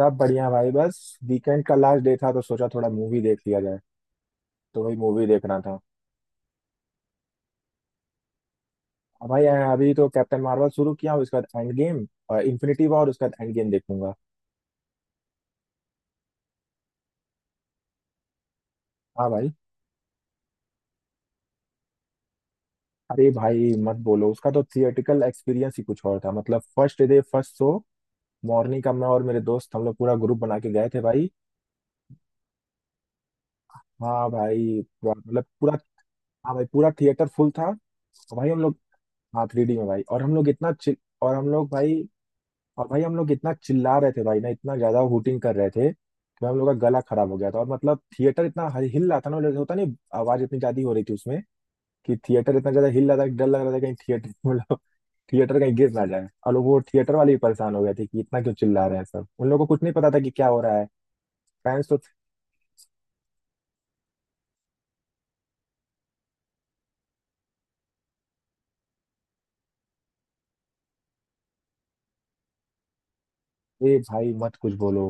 सब बढ़िया भाई बस। वीकेंड का लास्ट डे था तो सोचा थोड़ा मूवी देख लिया जाए। तो वही मूवी देखना था। अब भाई अभी तो कैप्टन मार्वल शुरू किया हूँ। उसके बाद एंड गेम और इन्फिनिटी वॉर, उसके बाद एंड गेम देखूंगा। हाँ भाई। अरे भाई मत बोलो, उसका तो थिएटिकल एक्सपीरियंस ही कुछ और था। मतलब first day first show morning का, मैं और मेरे दोस्त हम लोग पूरा ग्रुप बना के गए थे भाई। हाँ भाई मतलब पूरा। हाँ भाई पूरा थिएटर फुल था। और भाई हम लोग। हाँ थ्री डी में भाई और हम लोग इतना चिल। और हम लोग भाई। और भाई हम लोग इतना चिल्ला रहे थे भाई ना, इतना ज्यादा हूटिंग कर रहे थे कि हम लोग का गला खराब हो गया था। और मतलब थिएटर इतना हिल हिल रहा था ना, मतलब होता नहीं। आवाज इतनी ज्यादा हो रही थी उसमें कि थिएटर इतना ज्यादा हिल रहा था कि डर लग रहा था कहीं थिएटर मतलब थिएटर कहीं गिर ना जाए। और लोग वो थिएटर वाले भी परेशान हो गए थे कि इतना क्यों चिल्ला रहे हैं सब। उन लोगों को कुछ नहीं पता था कि क्या हो रहा है। फैंस तो थे भाई, मत कुछ बोलो।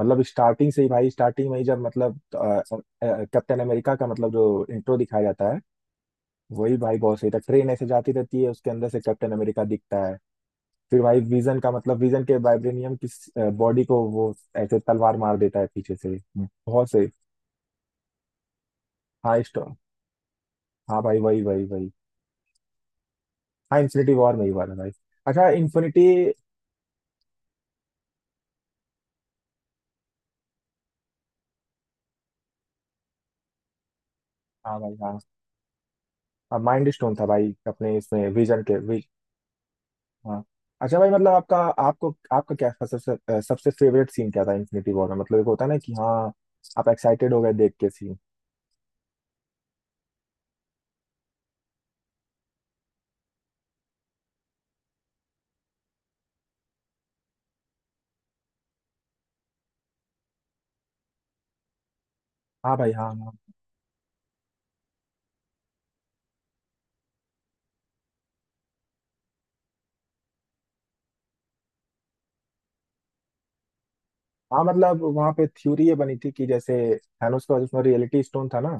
मतलब स्टार्टिंग से ही भाई, स्टार्टिंग में ही जब मतलब कैप्टन अमेरिका का मतलब जो इंट्रो दिखाया जाता है वही भाई बहुत सही था। ट्रेन ऐसे जाती रहती है, उसके अंदर से कैप्टन अमेरिका दिखता है। फिर भाई विजन का मतलब विजन के वाइब्रेनियम किस बॉडी को वो ऐसे तलवार मार देता है पीछे से। बहुत से। हाँ स्टॉ हाँ भाई वही वही वही। हाँ इन्फिनिटी वॉर में ही वाला भाई। अच्छा इन्फिनिटी। हाँ भाई हाँ। अब माइंड स्टोन था भाई, अपने इसमें विजन के हाँ। अच्छा भाई मतलब आपका आपको आपका क्या सबसे सबसे फेवरेट सीन क्या था इन्फिनिटी वॉर में? मतलब एक होता है ना कि हाँ आप एक्साइटेड हो गए देख के सीन। हाँ भाई हाँ हाँ। हाँ मतलब वहाँ पे थ्योरी ये बनी थी कि जैसे थानोस का उसमें रियलिटी स्टोन था ना।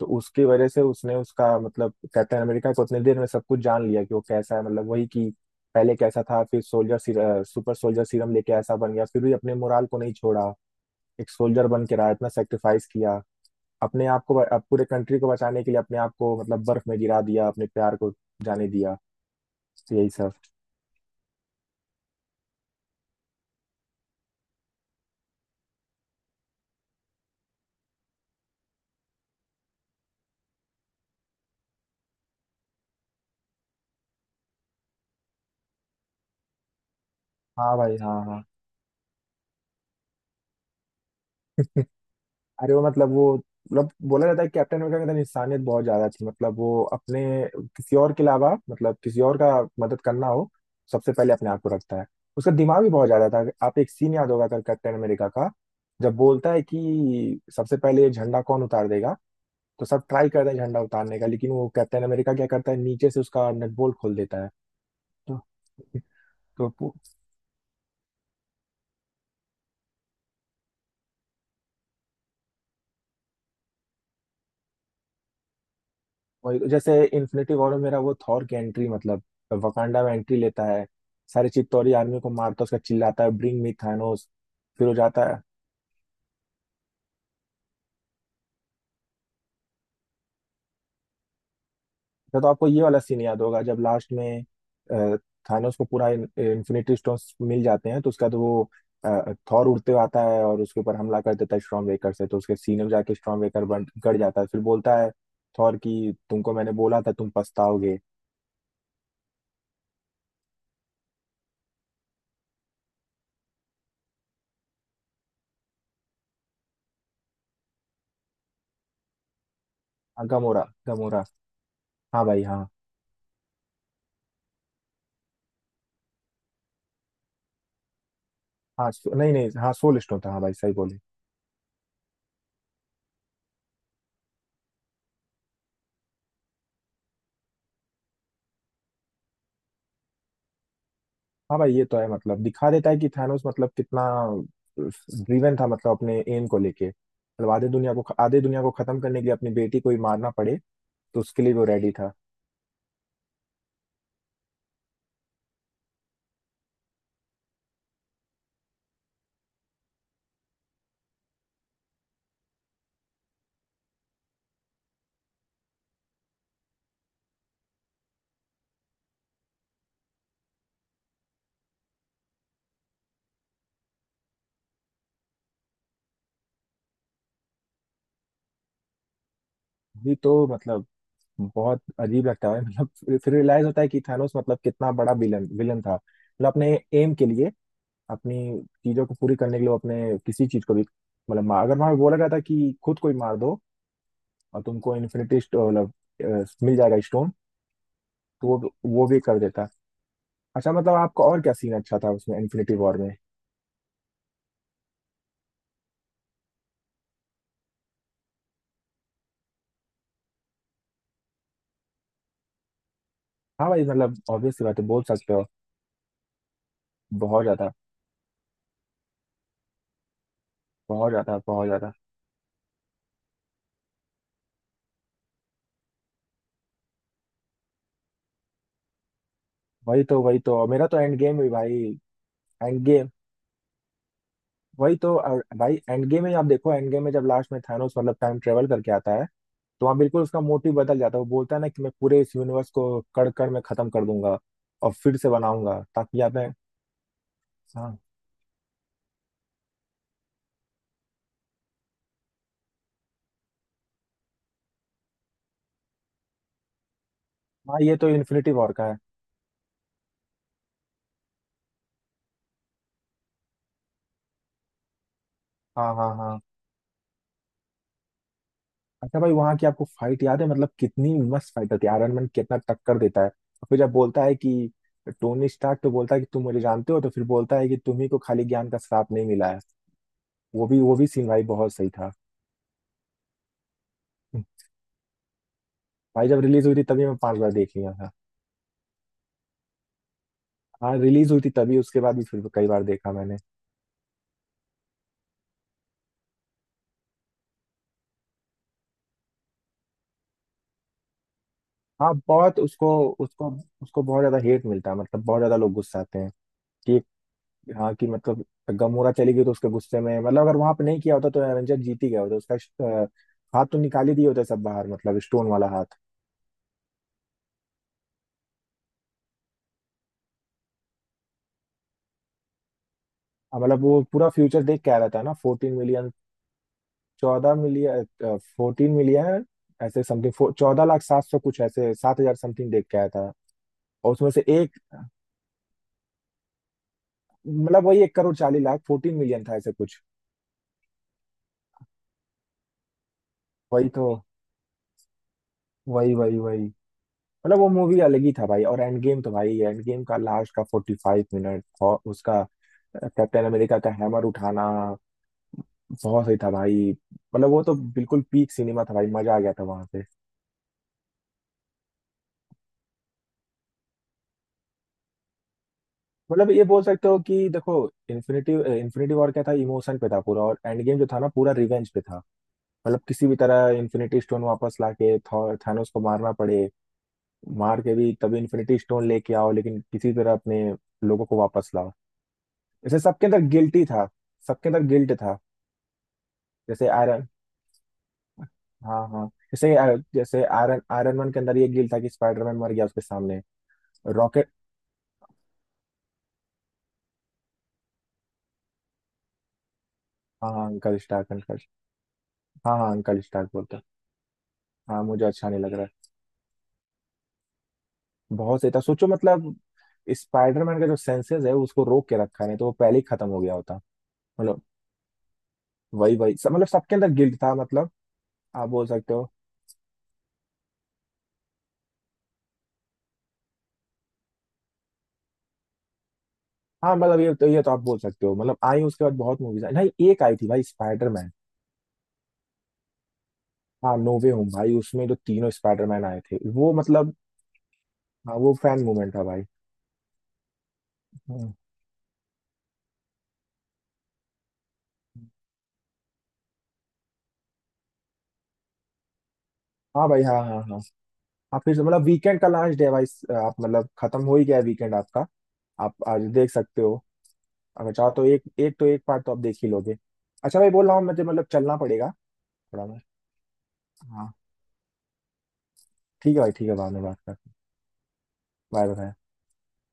तो उसकी वजह से उसने उसका मतलब कैप्टन अमेरिका को उतने देर में सब कुछ जान लिया कि वो कैसा है। मतलब वही कि पहले कैसा था, फिर सोल्जर सुपर सोल्जर सीरम लेके ऐसा बन गया, फिर भी अपने मोराल को नहीं छोड़ा। एक सोल्जर बन के रहा, इतना सेक्रीफाइस किया अपने आप को। अब पूरे कंट्री को बचाने के लिए अपने आप को मतलब बर्फ में गिरा दिया, अपने प्यार को जाने दिया। तो यही सब। हाँ भाई हाँ हाँ। अरे वो मतलब, वो मतलब बोला जाता है कि कैप्टन अमेरिका के अंदर इंसानियत बहुत ज्यादा थी। मतलब वो अपने, किसी और के अलावा मतलब किसी और का मदद करना हो, सबसे पहले अपने आप को रखता है। उसका दिमाग भी बहुत ज्यादा था। आप एक सीन याद होगा अगर कैप्टन अमेरिका का, जब बोलता है कि सबसे पहले ये झंडा कौन उतार देगा। तो सब ट्राई करते हैं झंडा उतारने का, लेकिन वो कैप्टन अमेरिका क्या करता है नीचे से उसका नट बोल्ट खोल देता है। तो तो पू- वही तो जैसे इन्फिनिटी वॉर में मेरा वो थॉर की एंट्री, मतलब वकांडा में एंट्री लेता है, सारी चित्तौरी आर्मी को मारता है। उसका चिल्लाता है, ब्रिंग मी थानोस। फिर हो जाता है। फिर तो आपको ये वाला सीन याद होगा जब लास्ट में अ, थानोस को पूरा इन्फिनिटी स्टोन्स मिल जाते हैं। तो उसका तो वो थॉर उड़ते हुए आता है और उसके ऊपर हमला कर देता है स्ट्रॉन्ग वेकर से। तो उसके सीने में जाके स्ट्रॉन्ग वेकर बन गड़ जाता है। फिर बोलता है, थॉर की तुमको मैंने बोला था तुम पछताओगे। हाँ, गमोरा गमोरा। हाँ भाई हाँ हाँ। नहीं नहीं, हाँ सोल स्टोन था। हाँ भाई, सही बोले। हाँ भाई ये तो है। मतलब दिखा देता है कि थानोस मतलब कितना ड्रीवन था। मतलब अपने एम को लेके, मतलब आधे दुनिया को खत्म करने के लिए अपनी बेटी को ही मारना पड़े तो उसके लिए वो रेडी था। ये तो मतलब बहुत अजीब लगता है। मतलब फिर, रियलाइज होता है कि थानोस मतलब कितना बड़ा विलन विलन था। मतलब अपने एम के लिए, अपनी चीजों को पूरी करने के लिए वो अपने किसी चीज को भी मतलब मार, अगर वहां बोला गया था कि खुद को ही मार दो और तुमको इन्फिनिटी मतलब मिल जाएगा स्टोन, तो वो भी कर देता। अच्छा मतलब आपका और क्या सीन अच्छा था उसमें इन्फिनिटी वॉर में? हाँ भाई, मतलब ऑब्वियस सी बात है, बोल सकते हो। बहुत ज्यादा, बहुत ज्यादा बहुत ज्यादा। वही तो, वही तो मेरा तो एंड गेम भी भाई। Endgame. वही तो, और भाई एंड गेम में आप देखो, एंड गेम में जब लास्ट में थानोस मतलब टाइम ट्रेवल करके आता है, तो वहाँ बिल्कुल उसका मोटिव बदल जाता है। वो बोलता है ना कि मैं पूरे इस यूनिवर्स को कड़ कड़ में खत्म कर दूंगा और फिर से बनाऊंगा ताकि आप। हाँ हाँ ये तो इन्फिनिटी वॉर का है। हाँ हाँ हाँ। अच्छा भाई, वहां की आपको फाइट याद है, मतलब कितनी मस्त फाइट होती है, आयरन मैन कितना टक्कर देता है। और फिर जब बोलता है कि टोनी स्टार्क, तो बोलता है कि तुम मुझे जानते हो, तो फिर बोलता है कि तुम्ही को खाली ज्ञान का श्राप नहीं मिला है। वो भी सीन भाई बहुत सही था। हम्म। भाई जब रिलीज हुई थी तभी मैं 5 बार देख लिया था। हाँ रिलीज हुई थी तभी, उसके बाद भी फिर कई बार देखा मैंने। हाँ बहुत उसको। उसको उसको बहुत ज्यादा हेट मिलता है, मतलब बहुत ज्यादा लोग गुस्साते हैं कि ये। हाँ कि मतलब गमोरा चली गई तो उसके गुस्से में, मतलब अगर वहां पे नहीं किया होता तो एवेंजर जीत ही गया होता। उसका हाथ तो निकाल ही दिए होते सब बाहर, मतलब स्टोन वाला हाथ। हाँ, मतलब वो पूरा फ्यूचर देख के आ रहा था ना, 14 मिलियन। 14 मिलियन, 14 मिलियन ऐसे समथिंग, 14 लाख 700 कुछ ऐसे, 7,000 समथिंग देख के आया था। और उसमें से एक, मतलब वही 1 करोड़ 40 लाख, 14 मिलियन था ऐसे कुछ। वही तो, वही वही वही। मतलब वो मूवी अलग ही था भाई। और एंड गेम, तो भाई एंड गेम का लास्ट का 45 मिनट और उसका कैप्टन अमेरिका का हैमर उठाना बहुत सही था भाई। मतलब वो तो बिल्कुल पीक सिनेमा था भाई, मजा आ गया था वहां पे। मतलब ये बोल सकते हो कि देखो, इन्फिनिटी इन्फिनिटी वॉर क्या था, इमोशन पे था पूरा, और एंड गेम जो था ना पूरा रिवेंज पे था। मतलब किसी भी तरह इन्फिनिटी स्टोन वापस लाके थानोस को मारना पड़े। मार के भी तभी इन्फिनिटी स्टोन लेके आओ, लेकिन किसी तरह अपने लोगों को वापस लाओ। जैसे सबके अंदर गिल्टी था, सबके अंदर गिल्ट था। जैसे आयरन। हाँ हाँ, जैसे जैसे आयरन आयरन मैन के अंदर ये गिल था कि स्पाइडरमैन मर गया उसके सामने। रॉकेट। हाँ हाँ अंकल स्टार्क, अंकल। हाँ हाँ अंकल स्टार्क बोलता है। हाँ मुझे अच्छा नहीं लग रहा है। बहुत सही था, सोचो मतलब। स्पाइडरमैन का जो सेंसेस है उसको रोक के रखा है, नहीं तो वो पहले ही खत्म हो गया होता। मतलब वही वही सब, मतलब सबके अंदर गिल्ट था। मतलब आप बोल सकते हो। हाँ मतलब ये तो, ये तो आप बोल सकते हो। मतलब आई, उसके बाद बहुत मूवीज आई। नहीं एक आई थी भाई, स्पाइडरमैन। हाँ नो वे होम भाई, उसमें जो तीनों स्पाइडरमैन आए थे वो मतलब। हाँ वो फैन मूवमेंट था भाई। हाँ। हाँ भाई हाँ हाँ हाँ। आप फिर से मतलब, वीकेंड का लास्ट डे है भाई, आप मतलब खत्म हो ही गया वीकेंड आपका। आप आज देख सकते हो अगर चाहो तो, एक एक तो एक पार्ट तो आप देख ही लोगे। अच्छा भाई, बोल रहा हूँ मुझे मतलब चलना पड़ेगा। थोड़ा मैं, हाँ। ठीक है भाई, ठीक है, बाद में बात करते हैं। Bye bye.